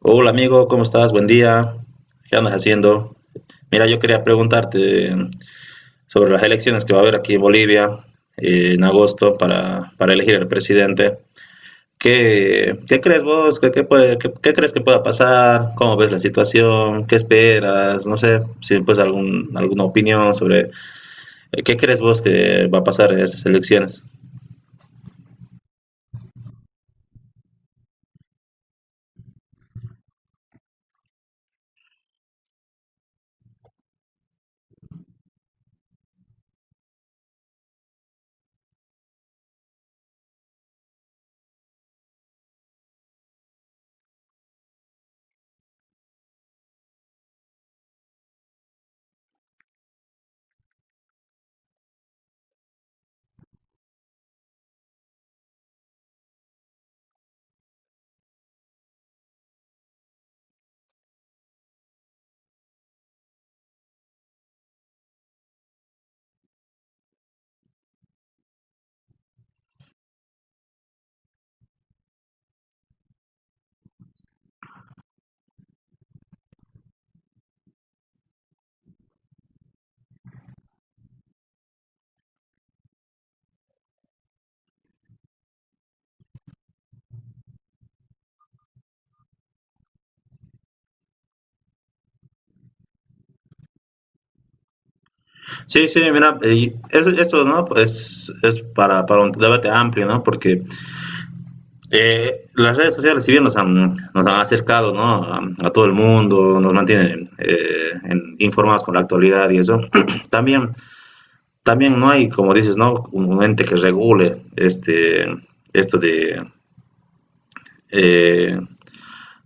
Hola amigo, ¿cómo estás? Buen día. ¿Qué andas haciendo? Mira, yo quería preguntarte sobre las elecciones que va a haber aquí en Bolivia en agosto para elegir al presidente. ¿Qué crees vos? ¿Qué crees que pueda pasar? ¿Cómo ves la situación? ¿Qué esperas? No sé, si pues alguna opinión sobre qué crees vos que va a pasar en estas elecciones. Sí, sí, mira, y eso, ¿no? Pues es para un debate amplio, ¿no? Porque las redes sociales, si bien nos han acercado, ¿no?, a todo el mundo, nos mantienen, informados con la actualidad, y eso, también, también no hay, como dices, ¿no?, un ente que regule esto eh,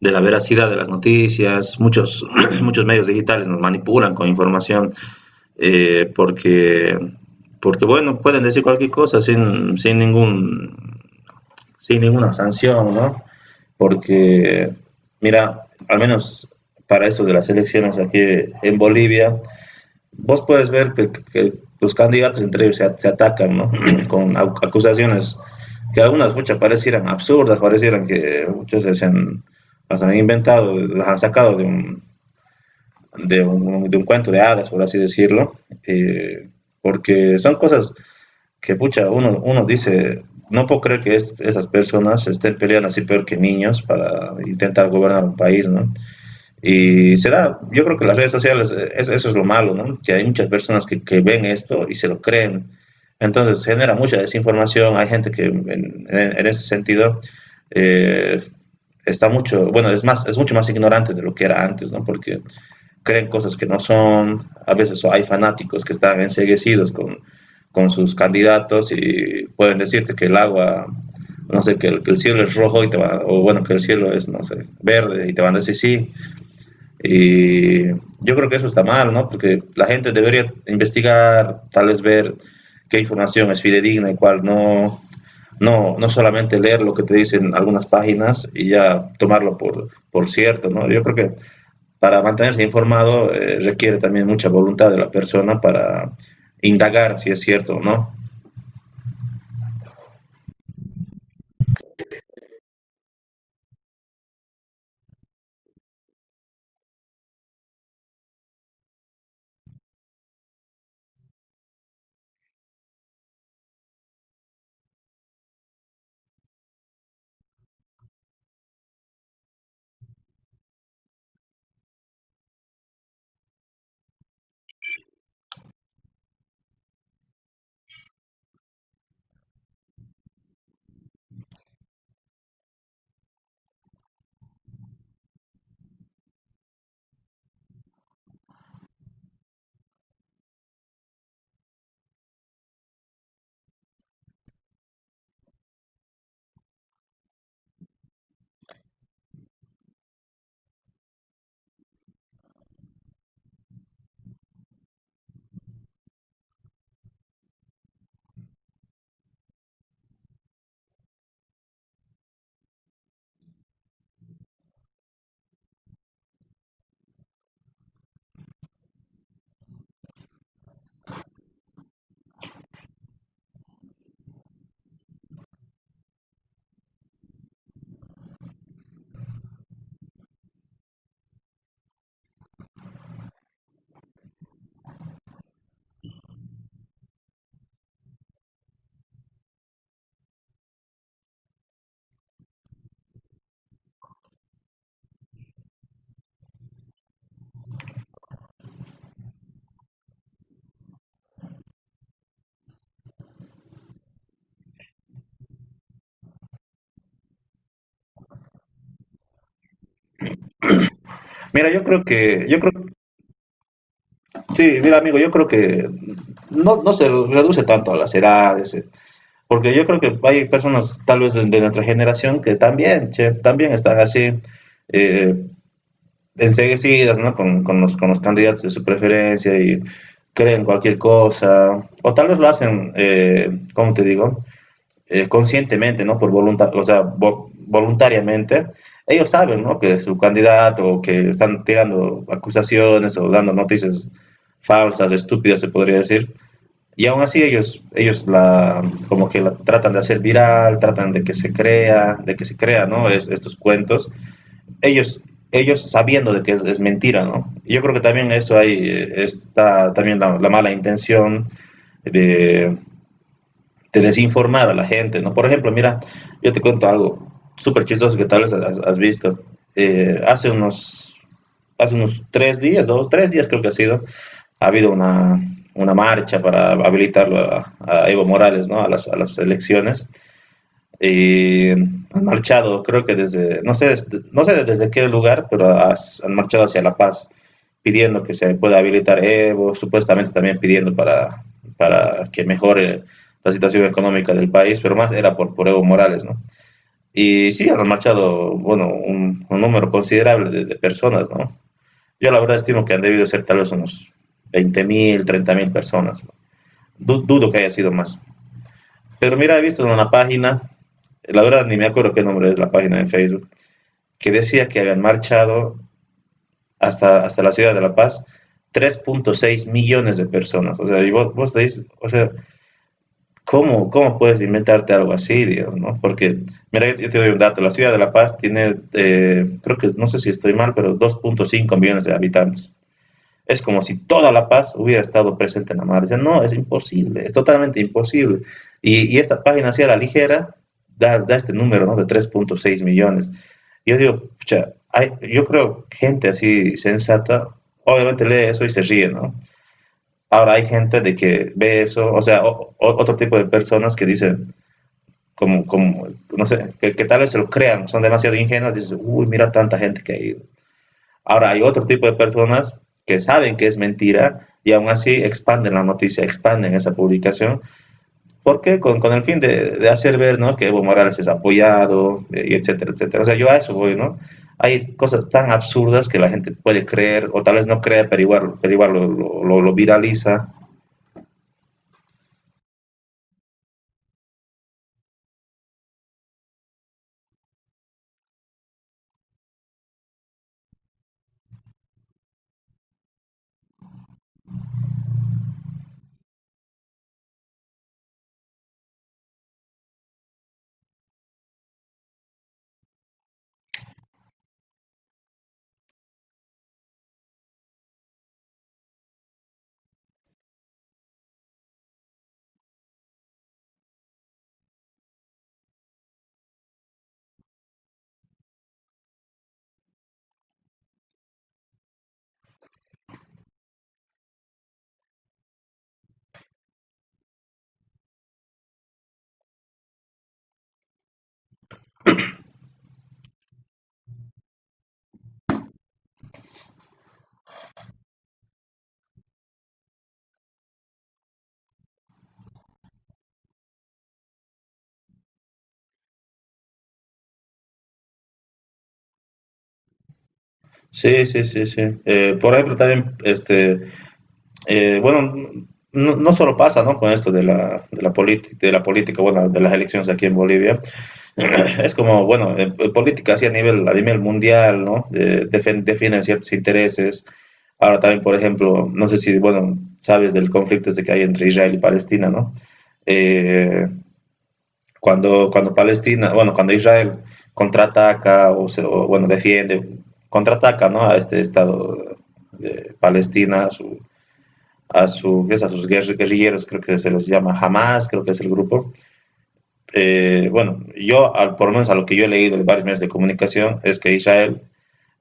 de la veracidad de las noticias. Muchos, muchos medios digitales nos manipulan con información, porque bueno, pueden decir cualquier cosa sin ningún sin ninguna sanción, ¿no? Porque, mira, al menos para eso de las elecciones aquí en Bolivia, vos puedes ver que, los candidatos entre ellos se atacan, ¿no? Con acusaciones que algunas, muchas parecieran absurdas, parecieran que muchas las han inventado, las han sacado de un cuento de hadas, por así decirlo. eh, Porque son cosas que, pucha, uno dice, no puedo creer que esas personas estén peleando así, peor que niños, para intentar gobernar un país, ¿no? Y se da. Yo creo que las redes sociales, eso es lo malo, ¿no? Que hay muchas personas que, ven esto y se lo creen. Entonces genera mucha desinformación. Hay gente que en ese sentido, eh, está mucho, bueno, es más, es mucho más ignorante de lo que era antes, ¿no? Porque creen cosas que no son. A veces hay fanáticos que están enceguecidos con sus candidatos, y pueden decirte que el agua, no sé, que el cielo es rojo, y te van, o bueno, que el cielo es, no sé, verde, y te van a decir sí. Y yo creo que eso está mal, ¿no? Porque la gente debería investigar, tal vez ver qué información es fidedigna y cuál no, no solamente leer lo que te dicen algunas páginas, y ya tomarlo por cierto, ¿no? Yo creo que para mantenerse informado, requiere también mucha voluntad de la persona para indagar si es cierto o no. Mira, yo creo, sí, mira amigo, yo creo que no se reduce tanto a las edades, porque yo creo que hay personas tal vez de nuestra generación que también, che, también están así, eh, enseguecidas, ¿no? Con los candidatos de su preferencia, y creen cualquier cosa, o tal vez lo hacen, ¿cómo te digo? Conscientemente, ¿no? Por voluntad, o sea, vo voluntariamente, ellos saben, ¿no?, que su candidato, o que están tirando acusaciones o dando noticias falsas, estúpidas, se podría decir. Y aún así, como que la tratan de hacer viral, tratan de que se crea, ¿no? Estos cuentos. Ellos, ellos sabiendo de que mentira, ¿no? Yo creo que también eso ahí, está también la mala intención de, de desinformar a la gente, ¿no? Por ejemplo, mira, yo te cuento algo súper chistoso que tal vez has visto. Eh, hace, unos, hace unos 3 días, dos, 3 días creo que ha sido, ha habido una marcha para habilitarlo a Evo Morales, ¿no?, a las, a las elecciones. Y han marchado, creo que desde, no sé desde qué lugar, pero han marchado hacia La Paz, pidiendo que se pueda habilitar Evo, supuestamente también pidiendo para que mejore la situación económica del país, pero más era por Evo Morales, ¿no? Y sí, han marchado, bueno, un número considerable de personas, ¿no? Yo la verdad estimo que han debido ser tal vez unos 20.000, 30.000 personas. ¿No? Du Dudo que haya sido más. Pero mira, he visto en una página, la verdad ni me acuerdo qué nombre es, la página de Facebook, que decía que habían marchado hasta la ciudad de La Paz 3,6 millones de personas. O sea, y vos decís, o sea, ¿cómo puedes inventarte algo así, Dios?, ¿no? Porque, mira, yo te doy un dato: la ciudad de La Paz tiene, creo que, no sé si estoy mal, pero 2,5 millones de habitantes. Es como si toda La Paz hubiera estado presente en la madre. No, es imposible, es totalmente imposible. Y esta página, así a la ligera, da este número, ¿no?, de 3,6 millones. Yo digo, pucha, hay, yo creo, gente así sensata obviamente lee eso y se ríe, ¿no? Ahora hay gente de que ve eso, o sea, otro tipo de personas que dicen, como no sé, que tal vez se lo crean, son demasiado ingenuos, dicen, uy, mira tanta gente que ha ido. Ahora, hay otro tipo de personas que saben que es mentira, y aún así expanden la noticia, expanden esa publicación, porque con el fin de hacer ver, ¿no?, que Evo Morales es apoyado, y etcétera, etcétera. O sea, yo a eso voy, ¿no? Hay cosas tan absurdas que la gente puede creer, o tal vez no cree, pero igual lo viraliza. Sí, sí, sí, sí. Por ejemplo, también, bueno, no solo pasa, ¿no?, con esto de la, de la política, bueno, de las elecciones aquí en Bolivia. Es como, bueno, en política, así a nivel mundial, ¿no? Defienden ciertos intereses. Ahora también, por ejemplo, no sé si, bueno, sabes del conflicto este que hay entre Israel y Palestina, ¿no? Eh, cuando Israel contraataca, o o, bueno, defiende, contraataca, ¿no?, a este Estado de Palestina, ¿qué es?, a sus guerrilleros, creo que se les llama Hamas, creo que es el grupo. Bueno, por lo menos, a lo que yo he leído de varios medios de comunicación, es que Israel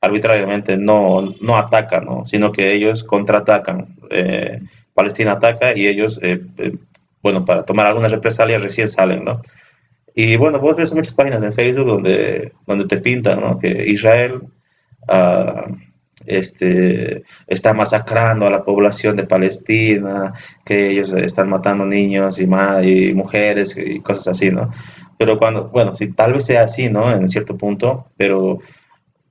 arbitrariamente no ataca, ¿no?, sino que ellos contraatacan. Palestina ataca y ellos, bueno, para tomar algunas represalias recién salen, ¿no? Y bueno, vos ves muchas páginas en Facebook donde te pintan, ¿no?, que Israel, ah, está masacrando a la población de Palestina, que ellos están matando niños y, y mujeres y cosas así, ¿no? Pero cuando, bueno, sí, tal vez sea así, ¿no?, en cierto punto,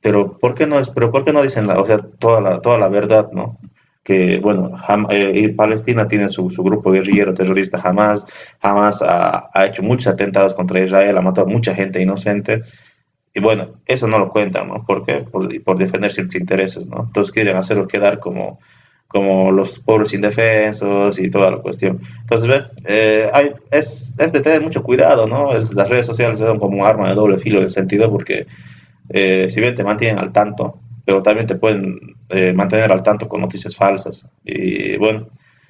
pero ¿por qué no dicen o sea, toda la verdad, ¿no?, que, bueno, Palestina tiene su grupo guerrillero terrorista Hamas. Hamas ha hecho muchos atentados contra Israel, ha matado a mucha gente inocente, y bueno, eso no lo cuentan, ¿no? Porque por defender ciertos intereses, ¿no? Entonces quieren hacerlo quedar como, los pobres indefensos y toda la cuestión. Entonces, ve, de tener mucho cuidado, ¿no? Las redes sociales son como un arma de doble filo, en el sentido porque si bien te mantienen al tanto, pero también te pueden, mantener al tanto con noticias falsas. Y bueno,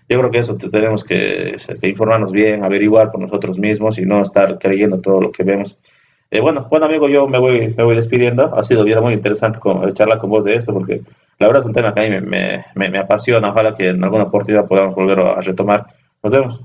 yo creo que eso, te tenemos que, informarnos bien, averiguar por nosotros mismos, y no estar creyendo todo lo que vemos. Bueno, bueno amigo, yo me voy despidiendo. Ha sido bien, muy interesante, charlar con vos de esto, porque la verdad es un tema que a mí me apasiona. Ojalá que en alguna oportunidad podamos volver a retomar. Nos vemos.